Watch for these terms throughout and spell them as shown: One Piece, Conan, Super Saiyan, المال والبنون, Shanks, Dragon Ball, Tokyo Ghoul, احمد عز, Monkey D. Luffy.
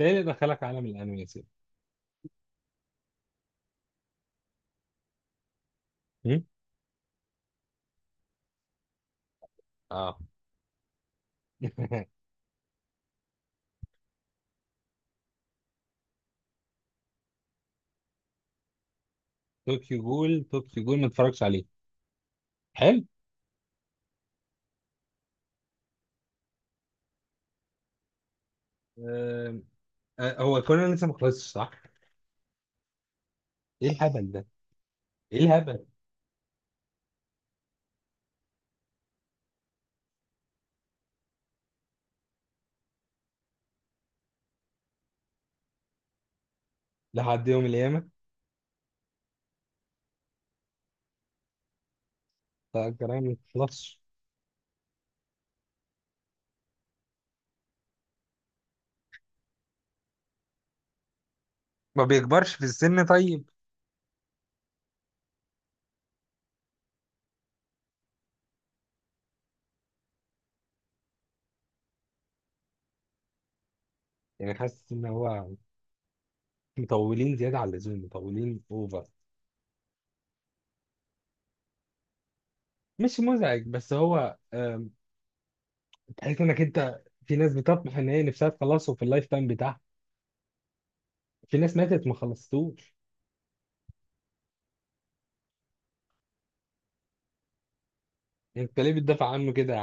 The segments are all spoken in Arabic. ايه اللي دخلك عالم الانمي يا سيدي؟ هم؟ اه. طوكيو جول، طوكيو جول ما اتفرجش عليه. حلو. آه. آه، هو كونان لسه ما خلصش، صح؟ ايه الهبل ده؟ ايه الهبل؟ لحد يوم القيامه. لا، الجرايم ما بتخلصش. ما بيكبرش في السن طيب؟ يعني حاسس ان هو مطولين زياده على اللزوم، مطولين اوفر. مش مزعج بس هو تحس انك انت في ناس بتطمح ان هي نفسها تخلصه في اللايف تايم بتاعها. في ناس ماتت ما خلصتوش. انت ليه بتدافع عنه كده؟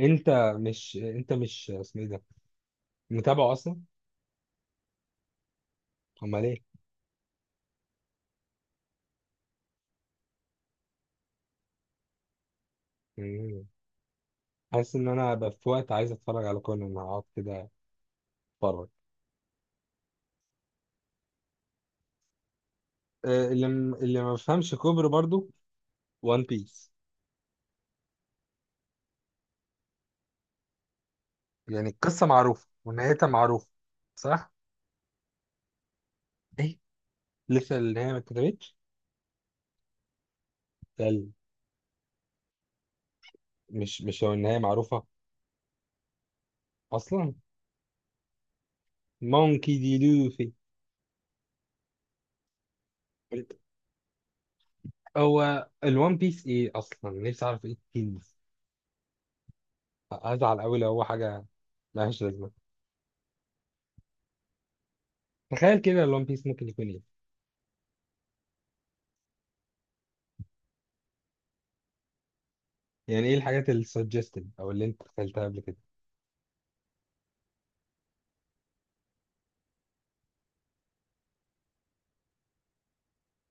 انت مش اسمه ايه ده، متابعه اصلا؟ امال ايه؟ مم. حاسس ان انا بقى في وقت عايز اتفرج على كونان، هقعد كده اتفرج. آه، اللي ما بفهمش كوبري برضو، وان بيس. يعني القصه معروفه ونهايتها معروفه، صح؟ ايه، لسه النهايه ما اتكتبتش؟ ده ال- مش هو النهايه معروفه اصلا؟ مونكي دي، لوفي. هو الوان بيس ايه اصلا؟ نفسي اعرف ايه التيمز. هزعل قوي لو هو حاجه ملهاش لازمه. تخيل كده الوان بيس ممكن يكون ايه. يعني ايه الحاجات اللي suggested او اللي انت دخلتها قبل كده؟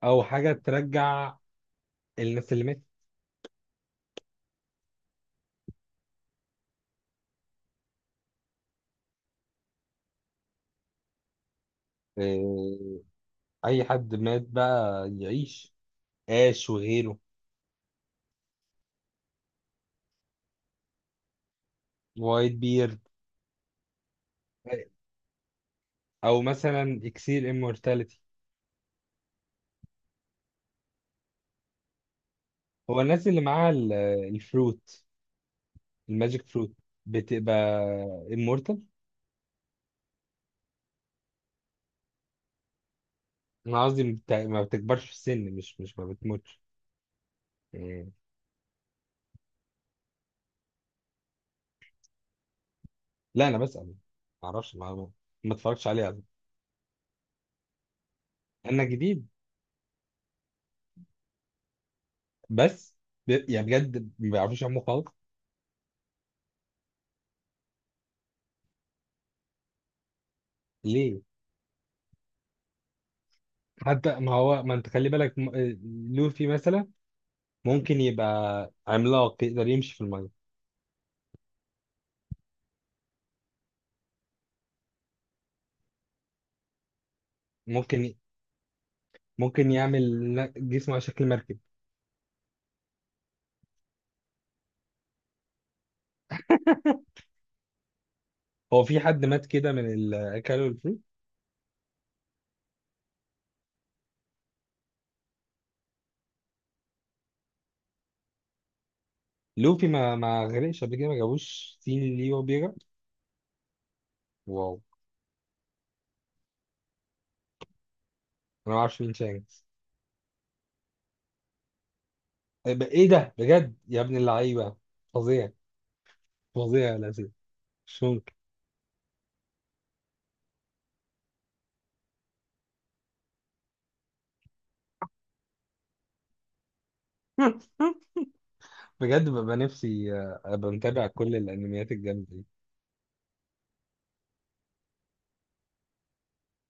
او حاجه ترجع الناس اللي ماتت. إيه، اي حد مات بقى يعيش؟ اش وغيره، وايت بيرد. او مثلا اكسير immortality. هو الناس اللي معاها الفروت، الماجيك فروت، بتبقى immortal؟ انا قصدي ما بتكبرش في السن، مش ما بتموتش. إيه. لا انا بسأل، ما اعرفش. ما اتفرجتش عليه على فكرة. انا جديد. بس يعني بجد ما بيعرفوش يعملوا خالص؟ ليه؟ حتى ما هو، ما انت خلي بالك آه، لوفي مثلا ممكن يبقى عملاق يقدر يمشي في الميه. ممكن ي- ممكن يعمل جسمه على شكل مركب. هو في حد مات كده من كانوا الفري؟ لوفي ما غرقش قبل كده؟ ما جابوش سين ليه وهو بيغرق. واو. انا ما اعرفش مين شانكس. آه، ايه ده بجد يا ابن اللعيبه؟ فظيع، فظيع يا لذيذ. مش ممكن. بجد ببقى نفسي آه، ابقى متابع كل الانميات الجامده دي.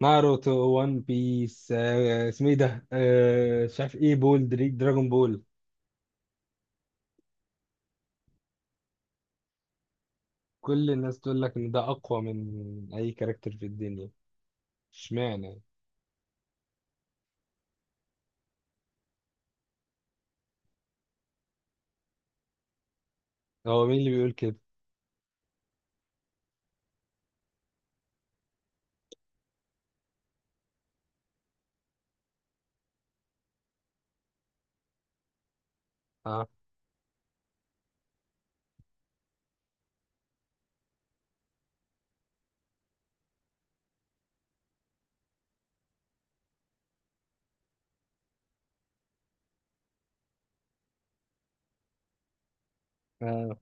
ناروتو، وان بيس، آه، اسمه ايه ده، آه، مش عارف ايه، بول دريك، دراجون بول. كل الناس تقول لك ان ده اقوى من اي كاركتر في الدنيا، اشمعنى؟ هو مين اللي بيقول كده؟ اه، اه،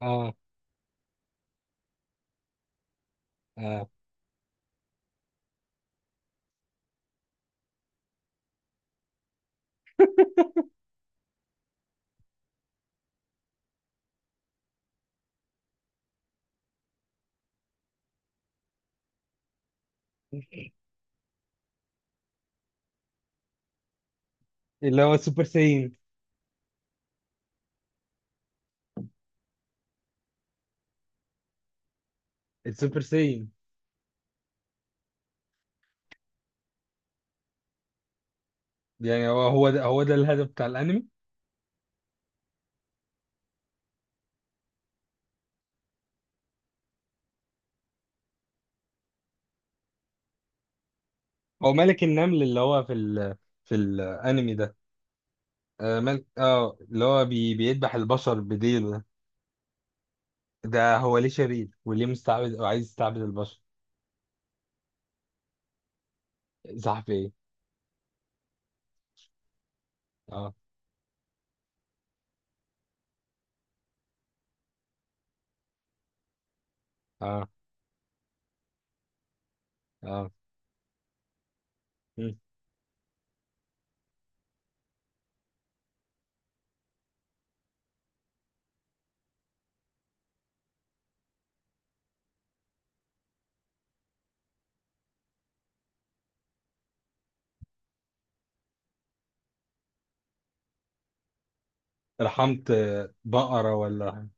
اه، اه. اللي هو السوبر ساين. السوبر ساين. يعني هو ده الهدف بتاع الانمي؟ هو ملك النمل اللي هو في في الانمي ده؟ آه، ملك. اه، اللي هو بيذبح البشر بديله. ده هو ليه شرير وليه مستعبد وعايز يستعبد البشر؟ صح، في ايه؟ آه. اه. اه. مم. رحمت آه، بقرة ولا.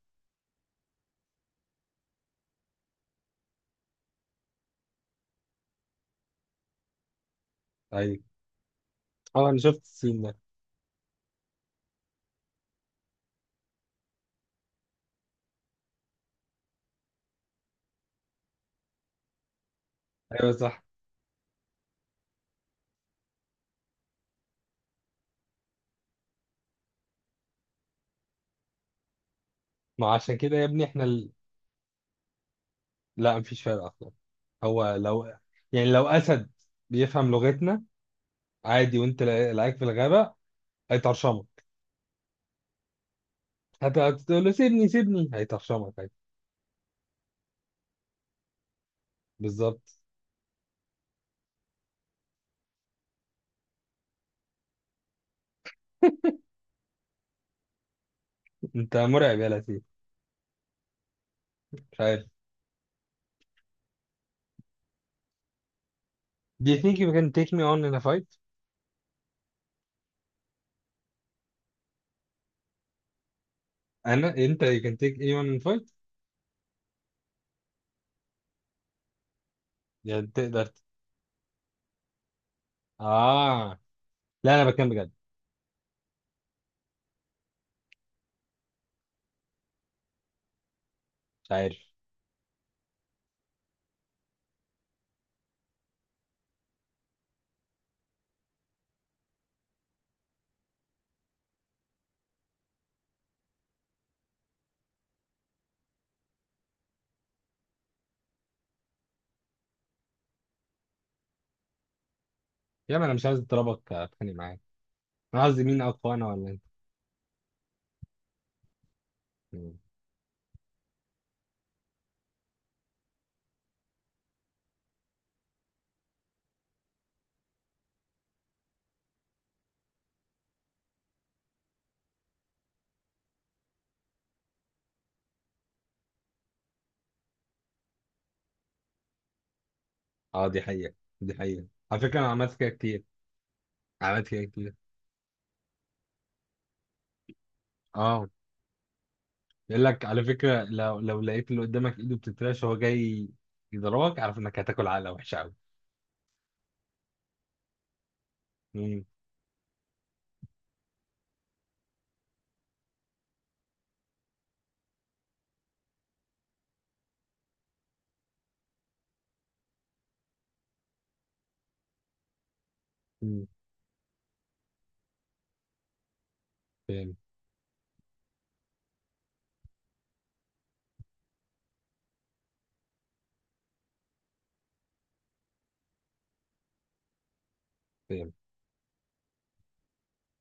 ايوه، اه انا شفت السين ده. ايوه صح. ما عشان كده يا ابني احنا لا مفيش فرق اصلا. هو لو، يعني لو اسد بيفهم لغتنا عادي وانت لقاك في الغابة، هيطرشمك. هتقول له سيبني سيبني، هيطرشمك عادي. بالظبط. انت مرعب يا لطيف. مش عارف. Do you think you can take me on in a fight؟ انا، انت you can take me on in a fight؟ يعني تقدر اه. لا انا بتكلم بجد. مش عارف. يا ما، انا مش عايز اضربك، اتخانق معاك. انا قصدي مين اقوى، انا ولا انت؟ مم. اه، دي حقيقة. دي حقيقة على فكرة، انا عملت كده كتير. عملت كده كتير. اه، يقول لك على فكرة، لو لقيت اللي قدامك ايده بتترعش وهو جاي يضربك، اعرف انك هتاكل علقة وحشة قوي. امم. فاهم. فاهم.